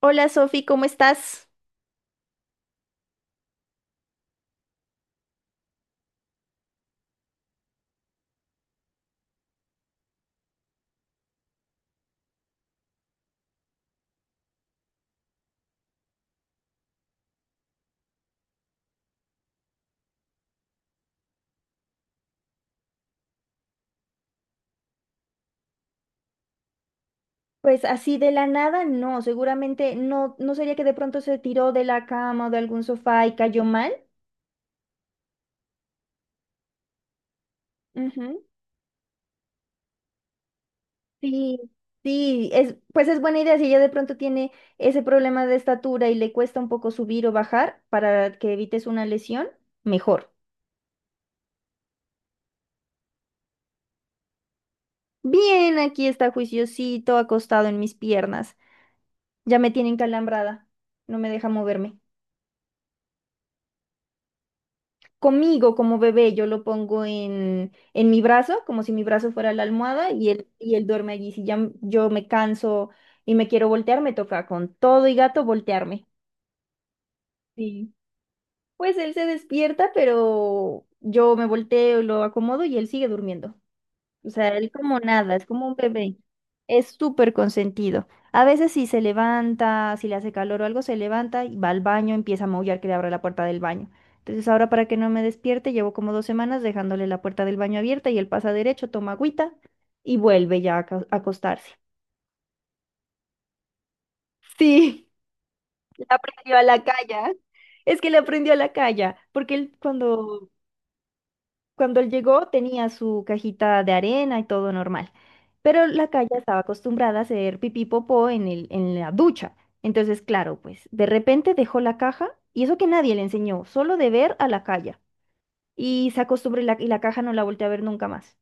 Hola Sofi, ¿cómo estás? Pues así de la nada, no, seguramente no, no sería que de pronto se tiró de la cama o de algún sofá y cayó mal. Ujú. Sí, sí, pues es buena idea si ella de pronto tiene ese problema de estatura y le cuesta un poco subir o bajar para que evites una lesión, mejor. Bien, aquí está juiciosito acostado en mis piernas. Ya me tiene encalambrada, no me deja moverme. Conmigo como bebé, yo lo pongo en mi brazo, como si mi brazo fuera la almohada y él duerme allí. Si ya yo me canso y me quiero voltear, me toca con todo y gato voltearme. Sí. Pues él se despierta, pero yo me volteo, lo acomodo y él sigue durmiendo. O sea, él como nada, es como un bebé. Es súper consentido. A veces si se levanta, si le hace calor o algo, se levanta y va al baño, empieza a maullar que le abra la puerta del baño. Entonces ahora para que no me despierte, llevo como 2 semanas dejándole la puerta del baño abierta y él pasa derecho, toma agüita y vuelve ya a acostarse. Sí, le aprendió a la calle. Es que le aprendió a la calle, porque él cuando Cuando él llegó tenía su cajita de arena y todo normal, pero la calle estaba acostumbrada a hacer pipí popó en la ducha. Entonces, claro, pues de repente dejó la caja y eso que nadie le enseñó, solo de ver a la calle. Y se acostumbró y la caja no la volteó a ver nunca más.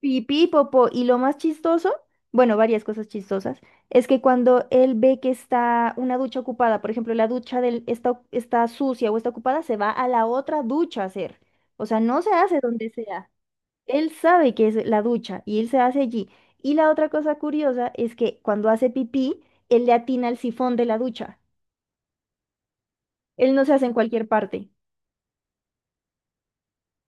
Pipí popó. Y lo más chistoso, bueno, varias cosas chistosas, es que cuando él ve que está una ducha ocupada, por ejemplo, la ducha está sucia o está ocupada, se va a la otra ducha a hacer. O sea, no se hace donde sea. Él sabe que es la ducha y él se hace allí. Y la otra cosa curiosa es que cuando hace pipí, él le atina al sifón de la ducha. Él no se hace en cualquier parte.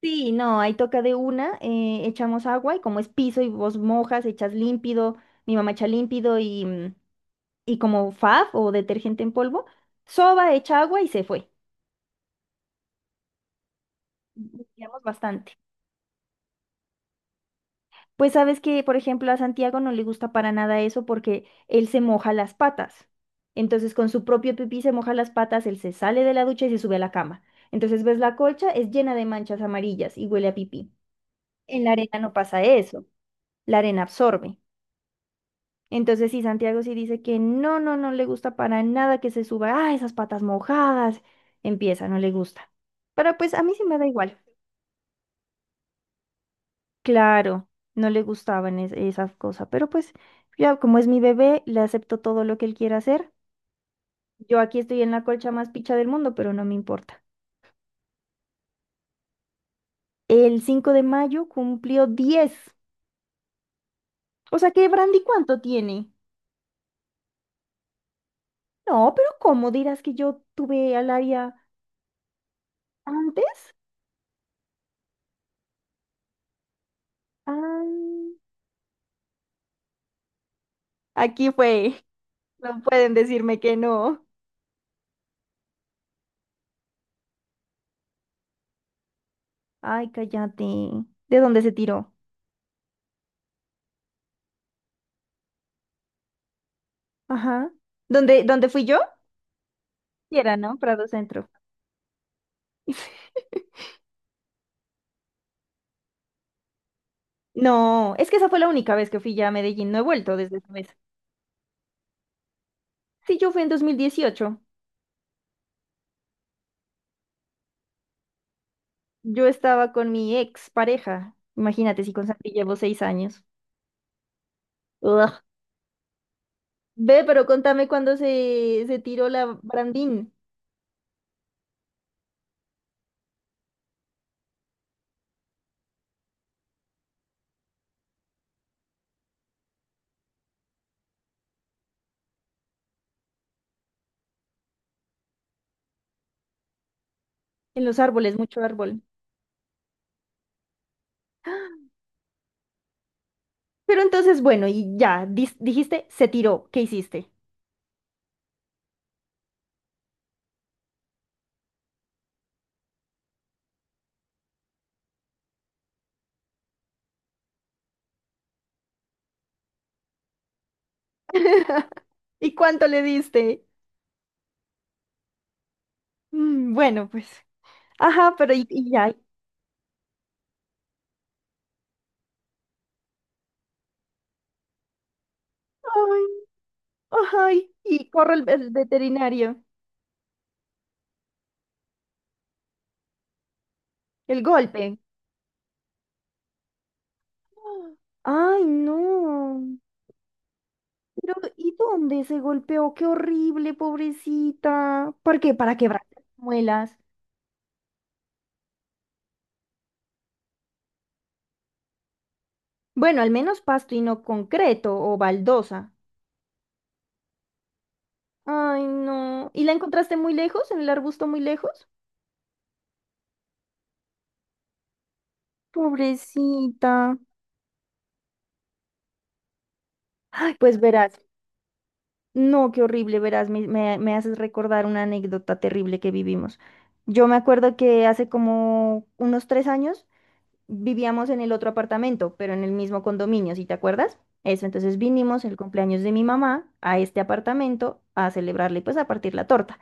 Sí, no, ahí toca de una, echamos agua y como es piso y vos mojas, echas límpido, mi mamá echa límpido y como fab o detergente en polvo, soba, echa agua y se fue. Limpiamos bastante. Pues sabes que, por ejemplo, a Santiago no le gusta para nada eso porque él se moja las patas. Entonces, con su propio pipí se moja las patas, él se sale de la ducha y se sube a la cama. Entonces, ves la colcha, es llena de manchas amarillas y huele a pipí. En la arena no pasa eso, la arena absorbe. Entonces, sí, Santiago sí dice que no, no, no le gusta para nada que se suba, ah, esas patas mojadas, empieza, no le gusta. Pero pues a mí sí me da igual. Claro, no le gustaban esas cosas, pero pues ya como es mi bebé, le acepto todo lo que él quiera hacer. Yo aquí estoy en la colcha más picha del mundo, pero no me importa. El 5 de mayo cumplió 10. O sea que Brandy, ¿cuánto tiene? No, pero ¿cómo dirás que yo tuve al área antes? Ay, aquí fue. No pueden decirme que no. Ay, cállate. ¿De dónde se tiró? Ajá. ¿Dónde fui yo? Sí. Era, ¿no? Prado Centro. No, es que esa fue la única vez que fui ya a Medellín, no he vuelto desde esa vez. Sí, yo fui en 2018. Yo estaba con mi ex pareja, imagínate si con Santi llevo 6 años. Ugh. Ve, pero contame cuando se tiró la Brandín en los árboles, mucho árbol. Pero entonces, bueno, y ya, dijiste, se tiró, ¿qué hiciste? ¿Y cuánto le diste? Mm, bueno, pues, ajá, pero y ya. Ay, ay, y corre el veterinario, el golpe. Ay, no. Pero, ¿y dónde se golpeó? Qué horrible, pobrecita. ¿Por qué? Para quebrar las muelas. Bueno, al menos pasto y no concreto o baldosa. Ay, no. ¿Y la encontraste muy lejos? ¿En el arbusto muy lejos? Pobrecita. Ay, pues verás. No, qué horrible, verás. Me haces recordar una anécdota terrible que vivimos. Yo me acuerdo que hace como unos 3 años vivíamos en el otro apartamento, pero en el mismo condominio, ¿sí te acuerdas? Eso, entonces vinimos el cumpleaños de mi mamá a este apartamento a celebrarle, pues a partir la torta.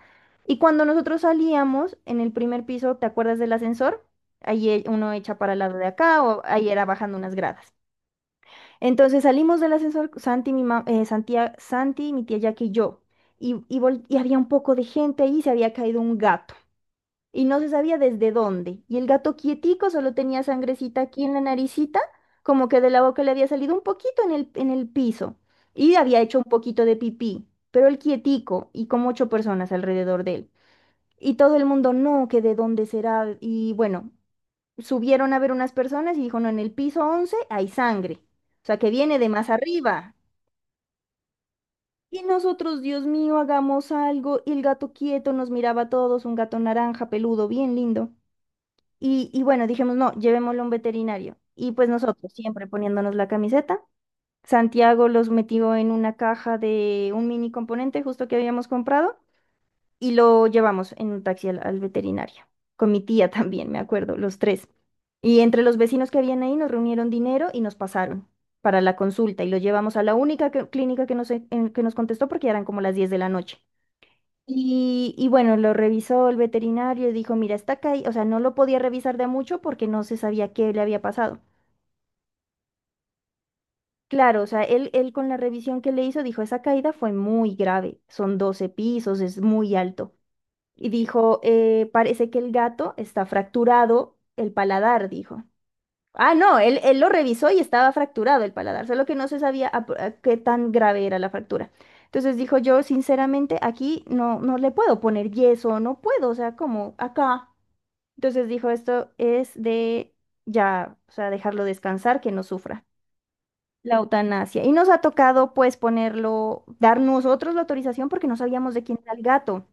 Y cuando nosotros salíamos en el primer piso, ¿te acuerdas del ascensor? Ahí uno echa para el lado de acá o ahí era bajando unas gradas. Entonces salimos del ascensor, Santi, mi tía Jackie y yo. Y había un poco de gente ahí y se había caído un gato y no se sabía desde dónde. Y el gato quietico solo tenía sangrecita aquí en la naricita, como que de la boca le había salido un poquito en el piso y había hecho un poquito de pipí, pero el quietico y como ocho personas alrededor de él. Y todo el mundo, no, que de dónde será. Y bueno, subieron a ver unas personas y dijo, no, en el piso 11 hay sangre, o sea que viene de más arriba. Y nosotros, Dios mío, hagamos algo. Y el gato quieto nos miraba a todos, un gato naranja, peludo, bien lindo. Y bueno, dijimos, no, llevémoslo a un veterinario. Y pues nosotros, siempre poniéndonos la camiseta, Santiago los metió en una caja de un mini componente justo que habíamos comprado y lo llevamos en un taxi al veterinario, con mi tía también, me acuerdo, los tres. Y entre los vecinos que habían ahí nos reunieron dinero y nos pasaron para la consulta y lo llevamos a la única clínica que nos, que nos contestó porque ya eran como las 10 de la noche. Y bueno, lo revisó el veterinario y dijo, mira, está caído, o sea, no lo podía revisar de a mucho porque no se sabía qué le había pasado. Claro, o sea, él con la revisión que le hizo dijo, esa caída fue muy grave, son 12 pisos, es muy alto. Y dijo, parece que el gato está fracturado el paladar, dijo. Ah, no, él lo revisó y estaba fracturado el paladar, solo que no se sabía a qué tan grave era la fractura. Entonces dijo yo, sinceramente, aquí no, no le puedo poner yeso, no puedo, o sea, como acá. Entonces dijo, esto es de ya, o sea, dejarlo descansar, que no sufra. La eutanasia. Y nos ha tocado pues ponerlo, dar nosotros la autorización porque no sabíamos de quién era el gato.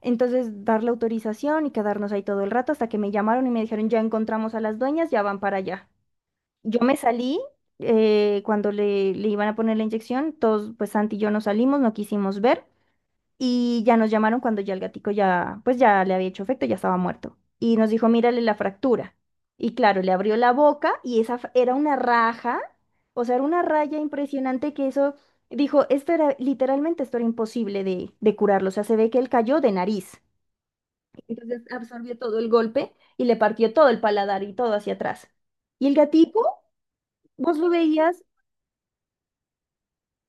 Entonces dar la autorización y quedarnos ahí todo el rato hasta que me llamaron y me dijeron, ya encontramos a las dueñas, ya van para allá. Yo me salí cuando le iban a poner la inyección, todos pues Santi y yo nos salimos, no quisimos ver. Y ya nos llamaron cuando ya el gatico ya, pues ya le había hecho efecto, ya estaba muerto. Y nos dijo, mírale la fractura. Y claro, le abrió la boca y esa era una raja, o sea, era una raya impresionante que eso, dijo, esto era, literalmente esto era imposible de curarlo. O sea, se ve que él cayó de nariz. Entonces absorbió todo el golpe y le partió todo el paladar y todo hacia atrás. Y el gatico, vos lo veías.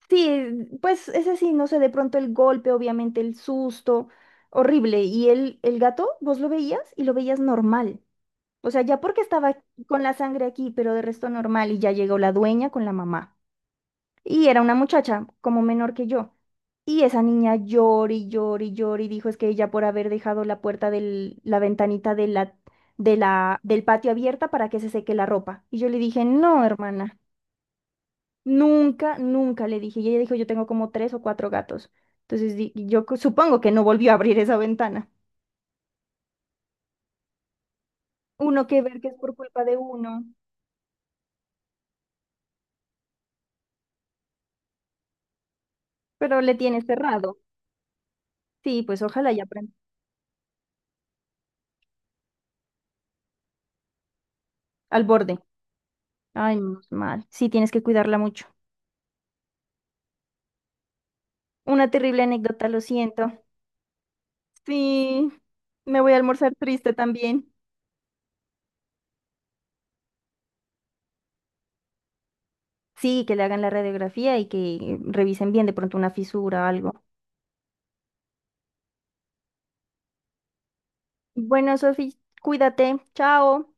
Sí, pues es así, no sé, de pronto el golpe, obviamente el susto, horrible. Y el gato, vos lo veías y lo veías normal. O sea, ya porque estaba con la sangre aquí, pero de resto normal. Y ya llegó la dueña con la mamá. Y era una muchacha como menor que yo. Y esa niña llora y llora y llora y dijo es que ella por haber dejado la puerta del, la ventanita del patio abierta para que se seque la ropa. Y yo le dije, no, hermana. Nunca, nunca le dije. Y ella dijo, yo tengo como tres o cuatro gatos. Entonces supongo que no volvió a abrir esa ventana. Uno que ver que es por culpa de uno, pero le tiene cerrado. Sí, pues ojalá ya aprenda. Al borde. Ay, menos mal. Sí, tienes que cuidarla mucho. Una terrible anécdota, lo siento. Sí, me voy a almorzar triste también. Sí, que le hagan la radiografía y que revisen bien de pronto una fisura o algo. Bueno, Sofi, cuídate. Chao.